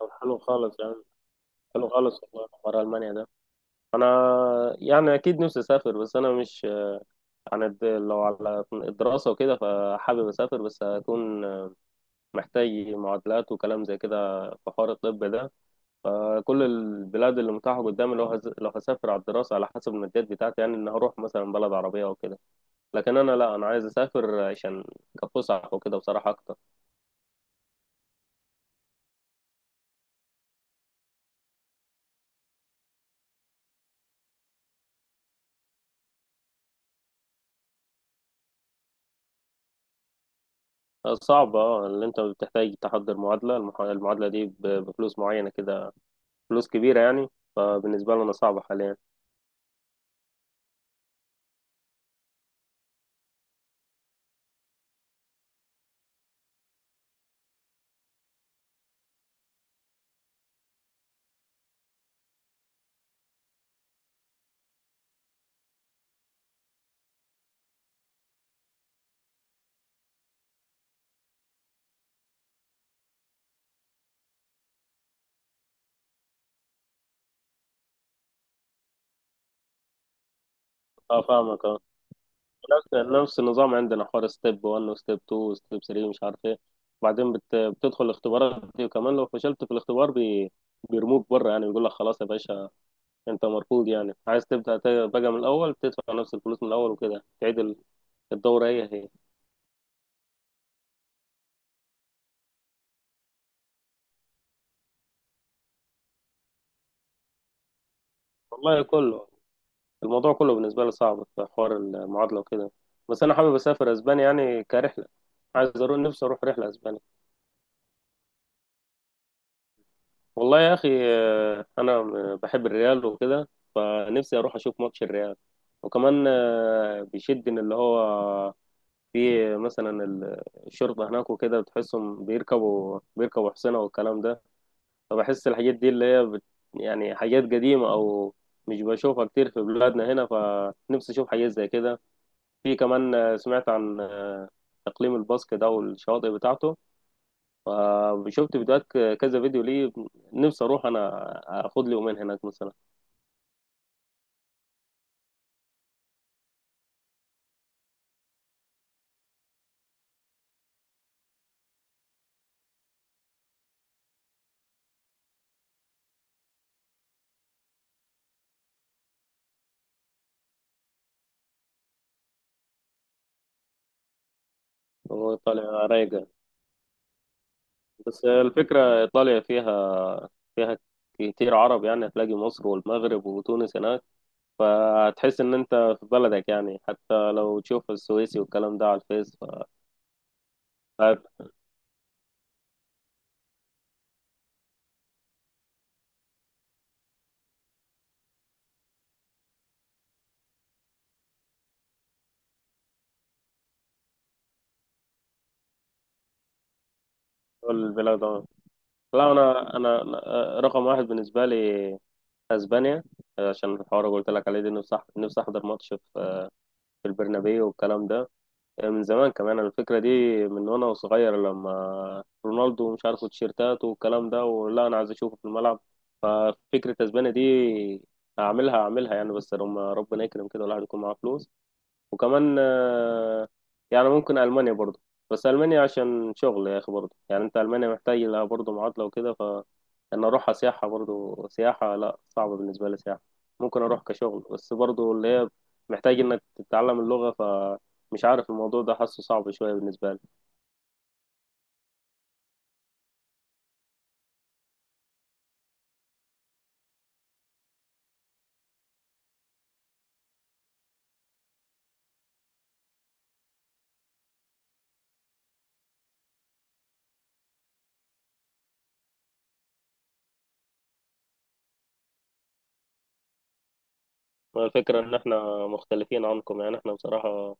طب حلو خالص يعني، حلو خالص والله حوار ألمانيا ده. أنا يعني أكيد نفسي أسافر، بس أنا مش لو على الدراسة وكده فحابب أسافر، بس هكون محتاج معادلات وكلام زي كده في حوار الطب ده. فكل البلاد اللي متاحة قدامي، لو هسافر على الدراسة على حسب الماديات بتاعتي، يعني إن هروح مثلا بلد عربية أو كده. لكن أنا لا، أنا عايز أسافر عشان كفسح وكده بصراحة أكتر. صعبة، اللي أنت بتحتاج تحضر معادلة، المعادلة دي بفلوس معينة كده، فلوس كبيرة يعني. فبالنسبة لنا صعبة حاليا. اه فاهمك اه. نفس نفس النظام عندنا، حوار ستيب 1 وستيب 2 وستيب 3، مش عارف ايه. بعدين بتدخل الاختبارات دي، وكمان لو فشلت في الاختبار بيرموك بره، يعني بيقول لك خلاص يا باشا، انت مرفوض. يعني عايز تبدأ بقى من الاول، تدفع نفس الفلوس من الاول وكده تعيد الدورة هي هي. والله كله، الموضوع كله بالنسبة لي صعب في حوار المعادلة وكده. بس انا حابب اسافر اسبانيا يعني كرحلة، عايز اروح، نفسي اروح رحلة اسبانيا. والله يا اخي، انا بحب الريال وكده، فنفسي اروح اشوف ماتش الريال. وكمان بيشد ان اللي هو في مثلا الشرطه هناك وكده، بتحسهم بيركبوا حصنة والكلام ده. فبحس الحاجات دي اللي هي يعني حاجات قديمه او مش بشوفها كتير في بلادنا هنا، فنفسي اشوف حاجات زي كده. في كمان سمعت عن اقليم الباسك ده والشواطئ بتاعته، فشفت فيديوهات، كذا فيديو ليه. نفسي اروح انا، اخد لي يومين هناك مثلا. وإيطاليا رايقة، بس الفكرة إيطاليا فيها كتير عرب، يعني هتلاقي مصر والمغرب وتونس هناك، فهتحس إن أنت في بلدك، يعني حتى لو تشوف السويسي والكلام ده على الفيس فهتقول البلاد، آه. لا، أنا رقم واحد بالنسبة لي أسبانيا، عشان الحوار اللي قلت لك عليه دي، نفسي أحضر ماتش في في البرنابيو والكلام ده من زمان كمان. أنا الفكرة دي من وانا صغير، لما رونالدو مش عارف التيشيرتات والكلام ده، ولا انا عايز اشوفه في الملعب. ففكرة اسبانيا دي هعملها يعني، بس لما ربنا يكرم كده والواحد يكون معاه فلوس. وكمان يعني ممكن ألمانيا برضه، بس ألمانيا عشان شغل يا أخي برضه، يعني أنت ألمانيا محتاج لها برضه معادلة وكده، فإن أروحها سياحة برضه، سياحة لا، صعبة بالنسبة لي سياحة. ممكن أروح كشغل بس برضه اللي هي محتاج إنك تتعلم اللغة، فمش عارف الموضوع ده، حاسه صعب شوية بالنسبة لي. الفكرة إن إحنا مختلفين عنكم، يعني إحنا بصراحة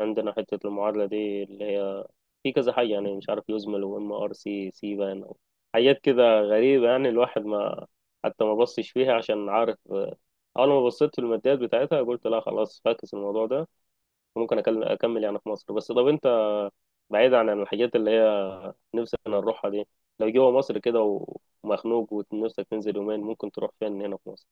عندنا حتة المعادلة دي اللي هي في كذا حاجة، يعني مش عارف يزمل وام ار سي سي بان أو حاجات كده غريبة. يعني الواحد ما، حتى ما بصش فيها عشان عارف، أول ما بصيت في الماديات بتاعتها قلت لا خلاص، فاكس الموضوع ده. وممكن أكمل يعني في مصر. بس طب أنت، بعيد عن الحاجات اللي هي نفسك نروحها دي، لو جوه مصر كده ومخنوق ونفسك تنزل يومين، ممكن تروح فين هنا في مصر؟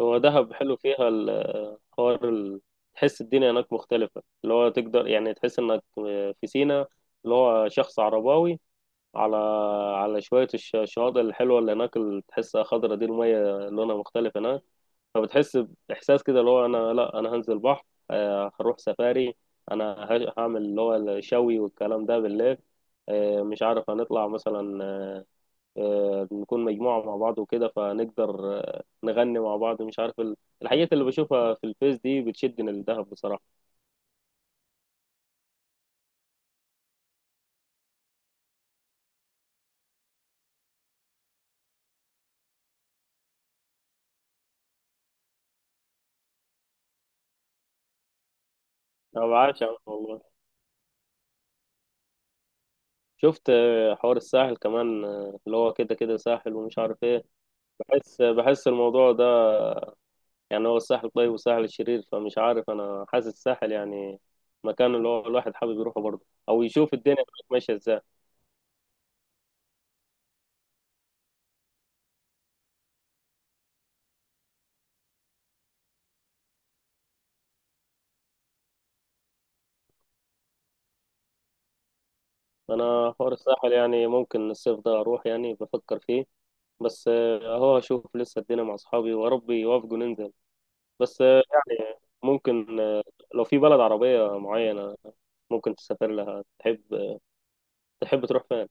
هو دهب حلو فيها حوار تحس الدنيا هناك مختلفة، اللي هو تقدر يعني تحس انك في سينا، اللي هو شخص عرباوي على على شوية الشواطئ الحلوة اللي هناك، اللي تحسها خضرة دي المية، لونها مختلف هناك. فبتحس بإحساس كده، اللي هو أنا لأ أنا هنزل بحر، هروح سفاري، أنا هعمل اللي هو الشوي والكلام ده بالليل، مش عارف هنطلع مثلا، نكون مجموعة مع بعض وكده، فنقدر نغني مع بعض، مش عارف الحاجات اللي بشوفها في الفيس دي بتشدني للدهب بصراحة. أنا بعشق والله. شفت حوار الساحل كمان، اللي هو كده كده ساحل ومش عارف ايه. بحس الموضوع ده، يعني هو الساحل الطيب والساحل الشرير، فمش عارف. أنا حاسس الساحل يعني مكان اللي هو الواحد حابب يروحه برضه، أو يشوف الدنيا هناك ماشية ازاي. أنا حوار الساحل يعني ممكن الصيف ده أروح، يعني بفكر فيه. بس اهو اشوف لسه الدنيا مع اصحابي وربي يوافقوا ننزل. بس يعني ممكن، لو في بلد عربية معينة ممكن تسافر لها، تحب تروح فين؟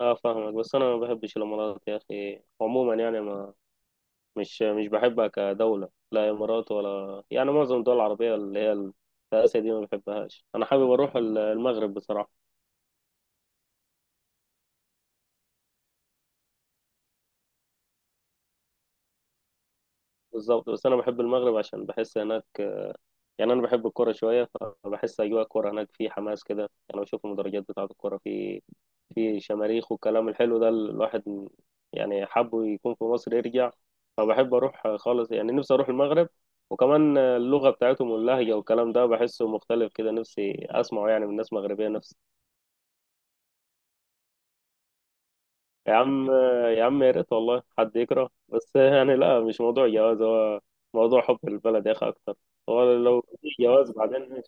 اه فاهمك. بس انا ما بحبش الامارات يا اخي عموما، يعني ما، مش بحبها كدولة، لا امارات ولا يعني معظم الدول العربية اللي هي في اسيا دي ما بحبهاش. انا حابب اروح المغرب بصراحة. بالظبط، بس انا بحب المغرب عشان بحس هناك، يعني انا بحب الكوره شويه، فبحس اجواء الكوره هناك في حماس كده، يعني بشوف المدرجات بتاعه الكوره في شماريخ والكلام الحلو ده. الواحد يعني حابه يكون في مصر يرجع، فبحب اروح خالص يعني، نفسي اروح المغرب. وكمان اللغه بتاعتهم واللهجه والكلام ده بحسه مختلف كده، نفسي اسمعه يعني من ناس مغربيه نفسي. يا عم، يا عم يا ريت والله حد يكره، بس يعني لا، مش موضوع جواز، هو موضوع حب البلد يا اخي اكتر. هو لو في جواز بعدين.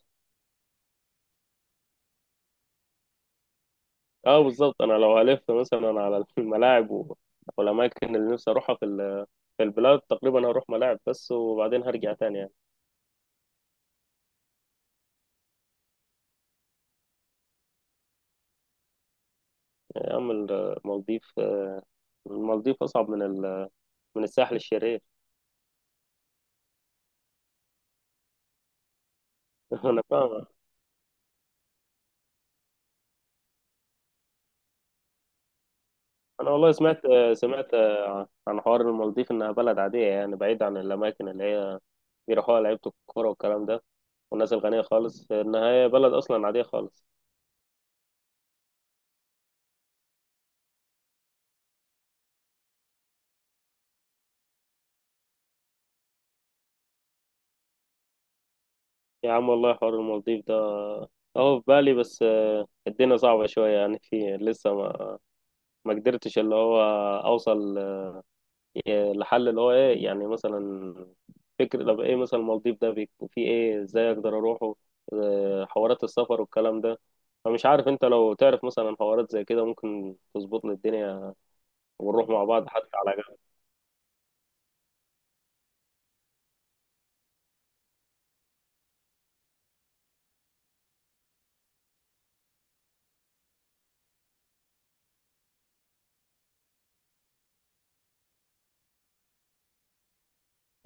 اه بالظبط، انا لو هلف مثلا على الملاعب والاماكن اللي نفسي اروحها في في البلاد تقريبا، هروح ملاعب بس وبعدين هرجع تاني يعني. يا عم المالديف، المالديف اصعب من من الساحل الشرير. انا فاهم. انا والله سمعت عن حوار المالديف، انها بلد عاديه يعني، بعيد عن الاماكن اللي هي بيروحوها لعيبه الكوره والكلام ده والناس الغنيه خالص، انها هي بلد اصلا عاديه خالص. يا عم والله حوار المالديف ده اهو في بالي، بس الدنيا صعبه شويه يعني. في لسه ما قدرتش اللي هو اوصل لحل اللي هو ايه، يعني مثلا فكر طب ايه مثلا المالديف ده بيكون فيه ايه، ازاي اقدر اروحه، حوارات السفر والكلام ده. فمش عارف انت لو تعرف مثلا حوارات زي كده، ممكن تظبط لي الدنيا ونروح مع بعض حتى على جنب.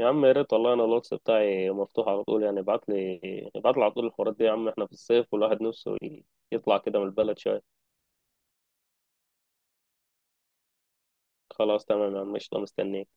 يا عم يا ريت والله، انا الواتس بتاعي مفتوح على طول يعني، ابعت لي على طول الحوارات دي يا عم، احنا في الصيف والواحد نفسه يطلع كده من البلد شوية. خلاص تمام يا عم، قشطة، مستنيك.